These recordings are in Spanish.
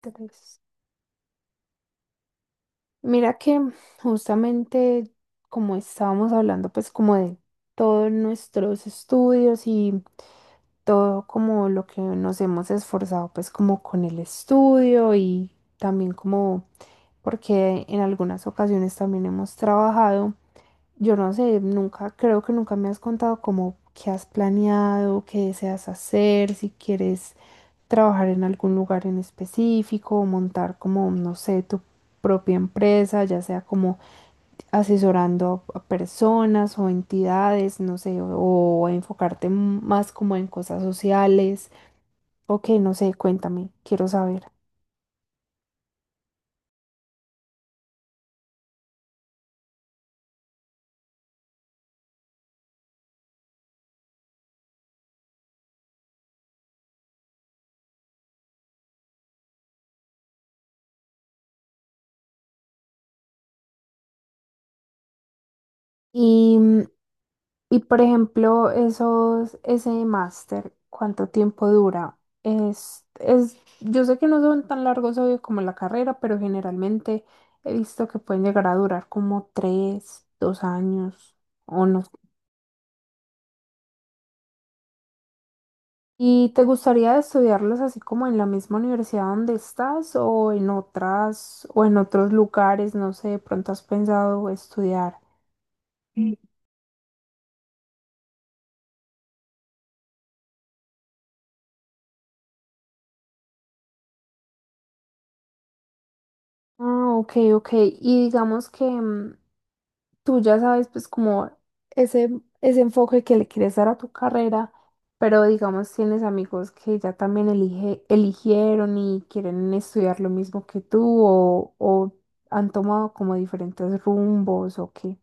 Tres. Mira que justamente como estábamos hablando pues como de todos nuestros estudios y todo como lo que nos hemos esforzado pues como con el estudio y también como porque en algunas ocasiones también hemos trabajado. Yo no sé, nunca, creo que nunca me has contado como qué has planeado, qué deseas hacer, si quieres trabajar en algún lugar en específico o montar como, no sé, tu propia empresa, ya sea como asesorando a personas o entidades, no sé, o enfocarte más como en cosas sociales. Ok, no sé, cuéntame, quiero saber. Y y por ejemplo, ese máster, ¿cuánto tiempo dura? Yo sé que no son tan largos, obvio, como la carrera, pero generalmente he visto que pueden llegar a durar como tres, dos años o no sé. ¿Y te gustaría estudiarlos así como en la misma universidad donde estás o en otras o en otros lugares? No sé, de pronto has pensado estudiar. Mm. Ah, ok, ok. Y digamos que tú ya sabes, pues como ese, ese enfoque que le quieres dar a tu carrera, pero digamos tienes amigos que ya también eligieron y quieren estudiar lo mismo que tú o han tomado como diferentes rumbos o qué.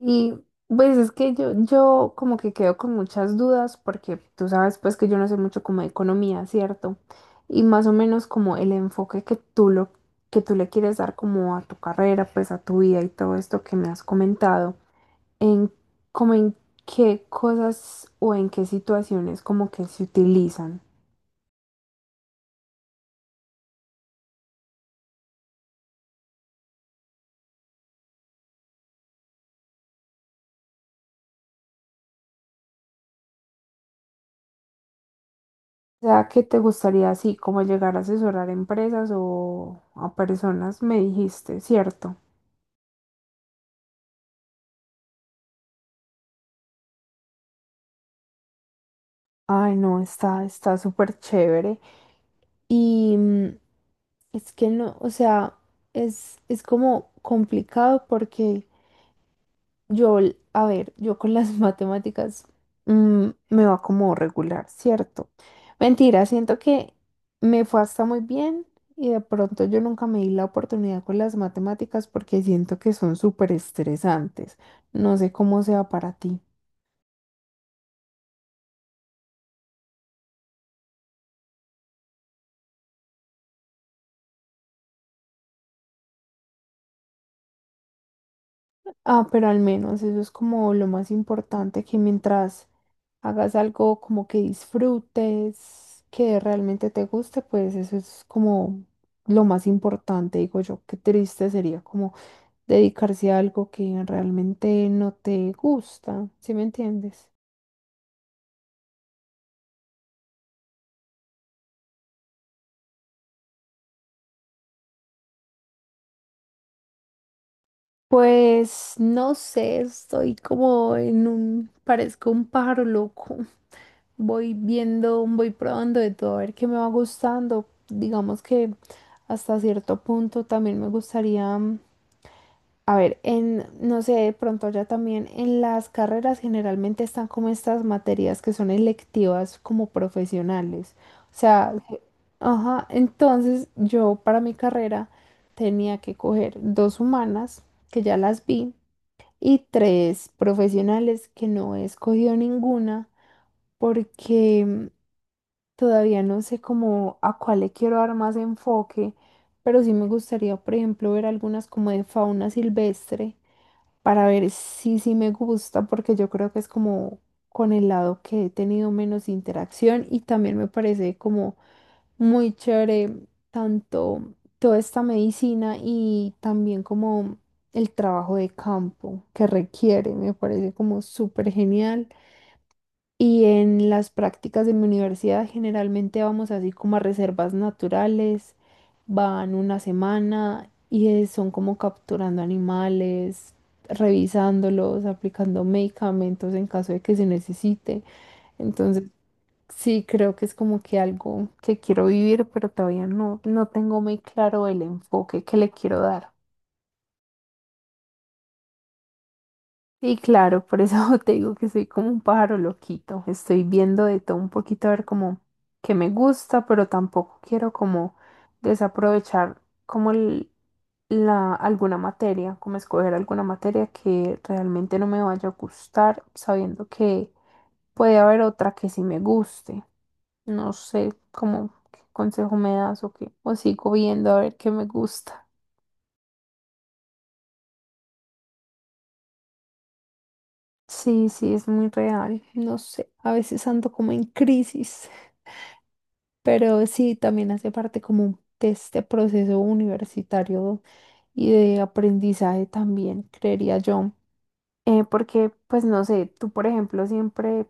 Y pues es que yo como que quedo con muchas dudas porque tú sabes pues que yo no sé mucho como de economía, ¿cierto? Y más o menos como el enfoque que que tú le quieres dar como a tu carrera, pues a tu vida y todo esto que me has comentado, en como en qué cosas o en qué situaciones como que se utilizan. O sea, ¿qué te gustaría así como llegar a asesorar empresas o a personas? Me dijiste, ¿cierto? Ay, no, está súper chévere. Y es que no, o sea, es como complicado porque a ver, yo con las matemáticas me va como regular, ¿cierto? Mentira, siento que me fue hasta muy bien y de pronto yo nunca me di la oportunidad con las matemáticas porque siento que son súper estresantes. No sé cómo sea para ti. Ah, pero al menos eso es como lo más importante, que mientras hagas algo como que disfrutes, que realmente te guste, pues eso es como lo más importante, digo yo. Qué triste sería como dedicarse a algo que realmente no te gusta, ¿sí me entiendes? Pues no sé, estoy como en un, parezco un pájaro loco. Voy viendo, voy probando de todo, a ver qué me va gustando. Digamos que hasta cierto punto también me gustaría, a ver, no sé, de pronto ya también en las carreras generalmente están como estas materias que son electivas como profesionales. O sea, ajá, entonces yo para mi carrera tenía que coger dos humanas, que ya las vi y tres profesionales que no he escogido ninguna porque todavía no sé cómo a cuál le quiero dar más enfoque, pero sí me gustaría, por ejemplo, ver algunas como de fauna silvestre para ver si sí me gusta, porque yo creo que es como con el lado que he tenido menos interacción y también me parece como muy chévere tanto toda esta medicina y también como el trabajo de campo que requiere, me parece como súper genial. Y en las prácticas de mi universidad generalmente vamos así como a reservas naturales, van una semana y son como capturando animales, revisándolos, aplicando medicamentos en caso de que se necesite. Entonces, sí, creo que es como que algo que quiero vivir, pero todavía no, no tengo muy claro el enfoque que le quiero dar. Y claro, por eso te digo que soy como un pájaro loquito. Estoy viendo de todo un poquito a ver como que me gusta, pero tampoco quiero como desaprovechar como alguna materia, como escoger alguna materia que realmente no me vaya a gustar, sabiendo que puede haber otra que sí me guste. No sé cómo qué consejo me das o qué. O sigo viendo a ver qué me gusta. Sí, sí, es muy real. No sé, a veces ando como en crisis, pero sí, también hace parte como de este proceso universitario y de aprendizaje también, creería yo. Porque, pues no sé, tú, por ejemplo, siempre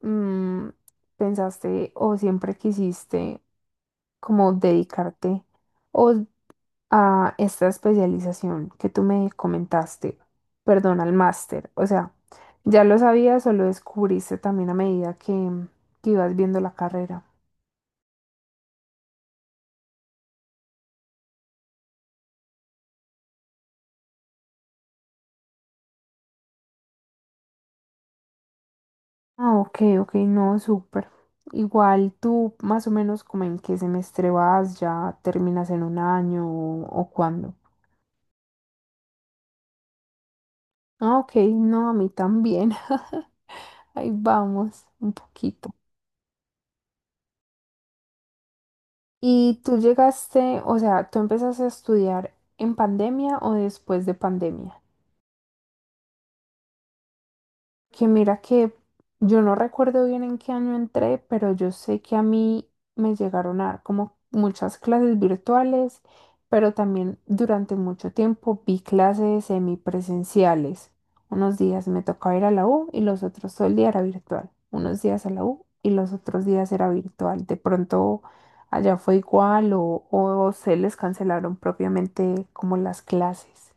mm, pensaste o siempre quisiste como dedicarte. O a esta especialización que tú me comentaste, perdón, al máster. O sea, ¿ya lo sabías o lo descubriste también a medida que ibas viendo la carrera? Ah, ok, ok, no, súper. Igual tú más o menos como en qué semestre vas, ya terminas en un año o cuándo. Ah, ok, no, a mí también. Ahí vamos, un poquito. ¿Y tú llegaste, o sea, tú empezaste a estudiar en pandemia o después de pandemia? Que mira que yo no recuerdo bien en qué año entré, pero yo sé que a mí me llegaron a dar como muchas clases virtuales, pero también durante mucho tiempo vi clases semipresenciales. Unos días me tocaba ir a la U y los otros todo el día era virtual. Unos días a la U y los otros días era virtual. De pronto allá fue igual o se les cancelaron propiamente como las clases.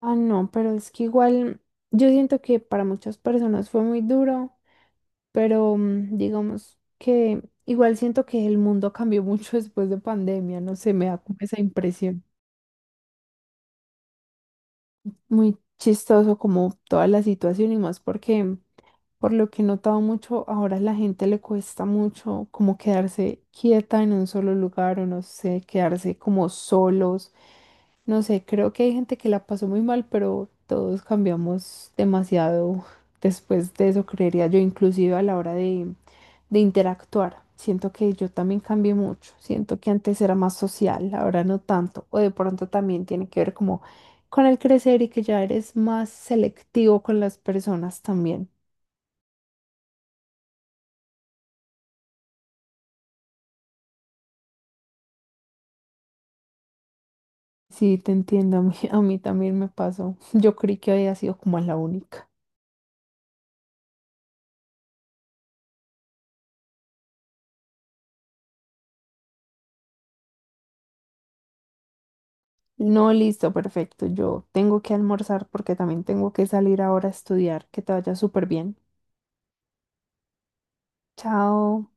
Ah, no, pero es que igual yo siento que para muchas personas fue muy duro, pero digamos que igual siento que el mundo cambió mucho después de pandemia, no sé, me da como esa impresión. Muy chistoso como toda la situación y más porque por lo que he notado mucho, ahora a la gente le cuesta mucho como quedarse quieta en un solo lugar o no sé, quedarse como solos. No sé, creo que hay gente que la pasó muy mal, pero todos cambiamos demasiado después de eso, creería yo, inclusive a la hora de interactuar. Siento que yo también cambié mucho, siento que antes era más social, ahora no tanto, o de pronto también tiene que ver como con el crecer y que ya eres más selectivo con las personas también. Sí, te entiendo, a mí, a mí también me pasó. Yo creí que había sido como la única. No, listo, perfecto. Yo tengo que almorzar porque también tengo que salir ahora a estudiar. Que te vaya súper bien. Chao.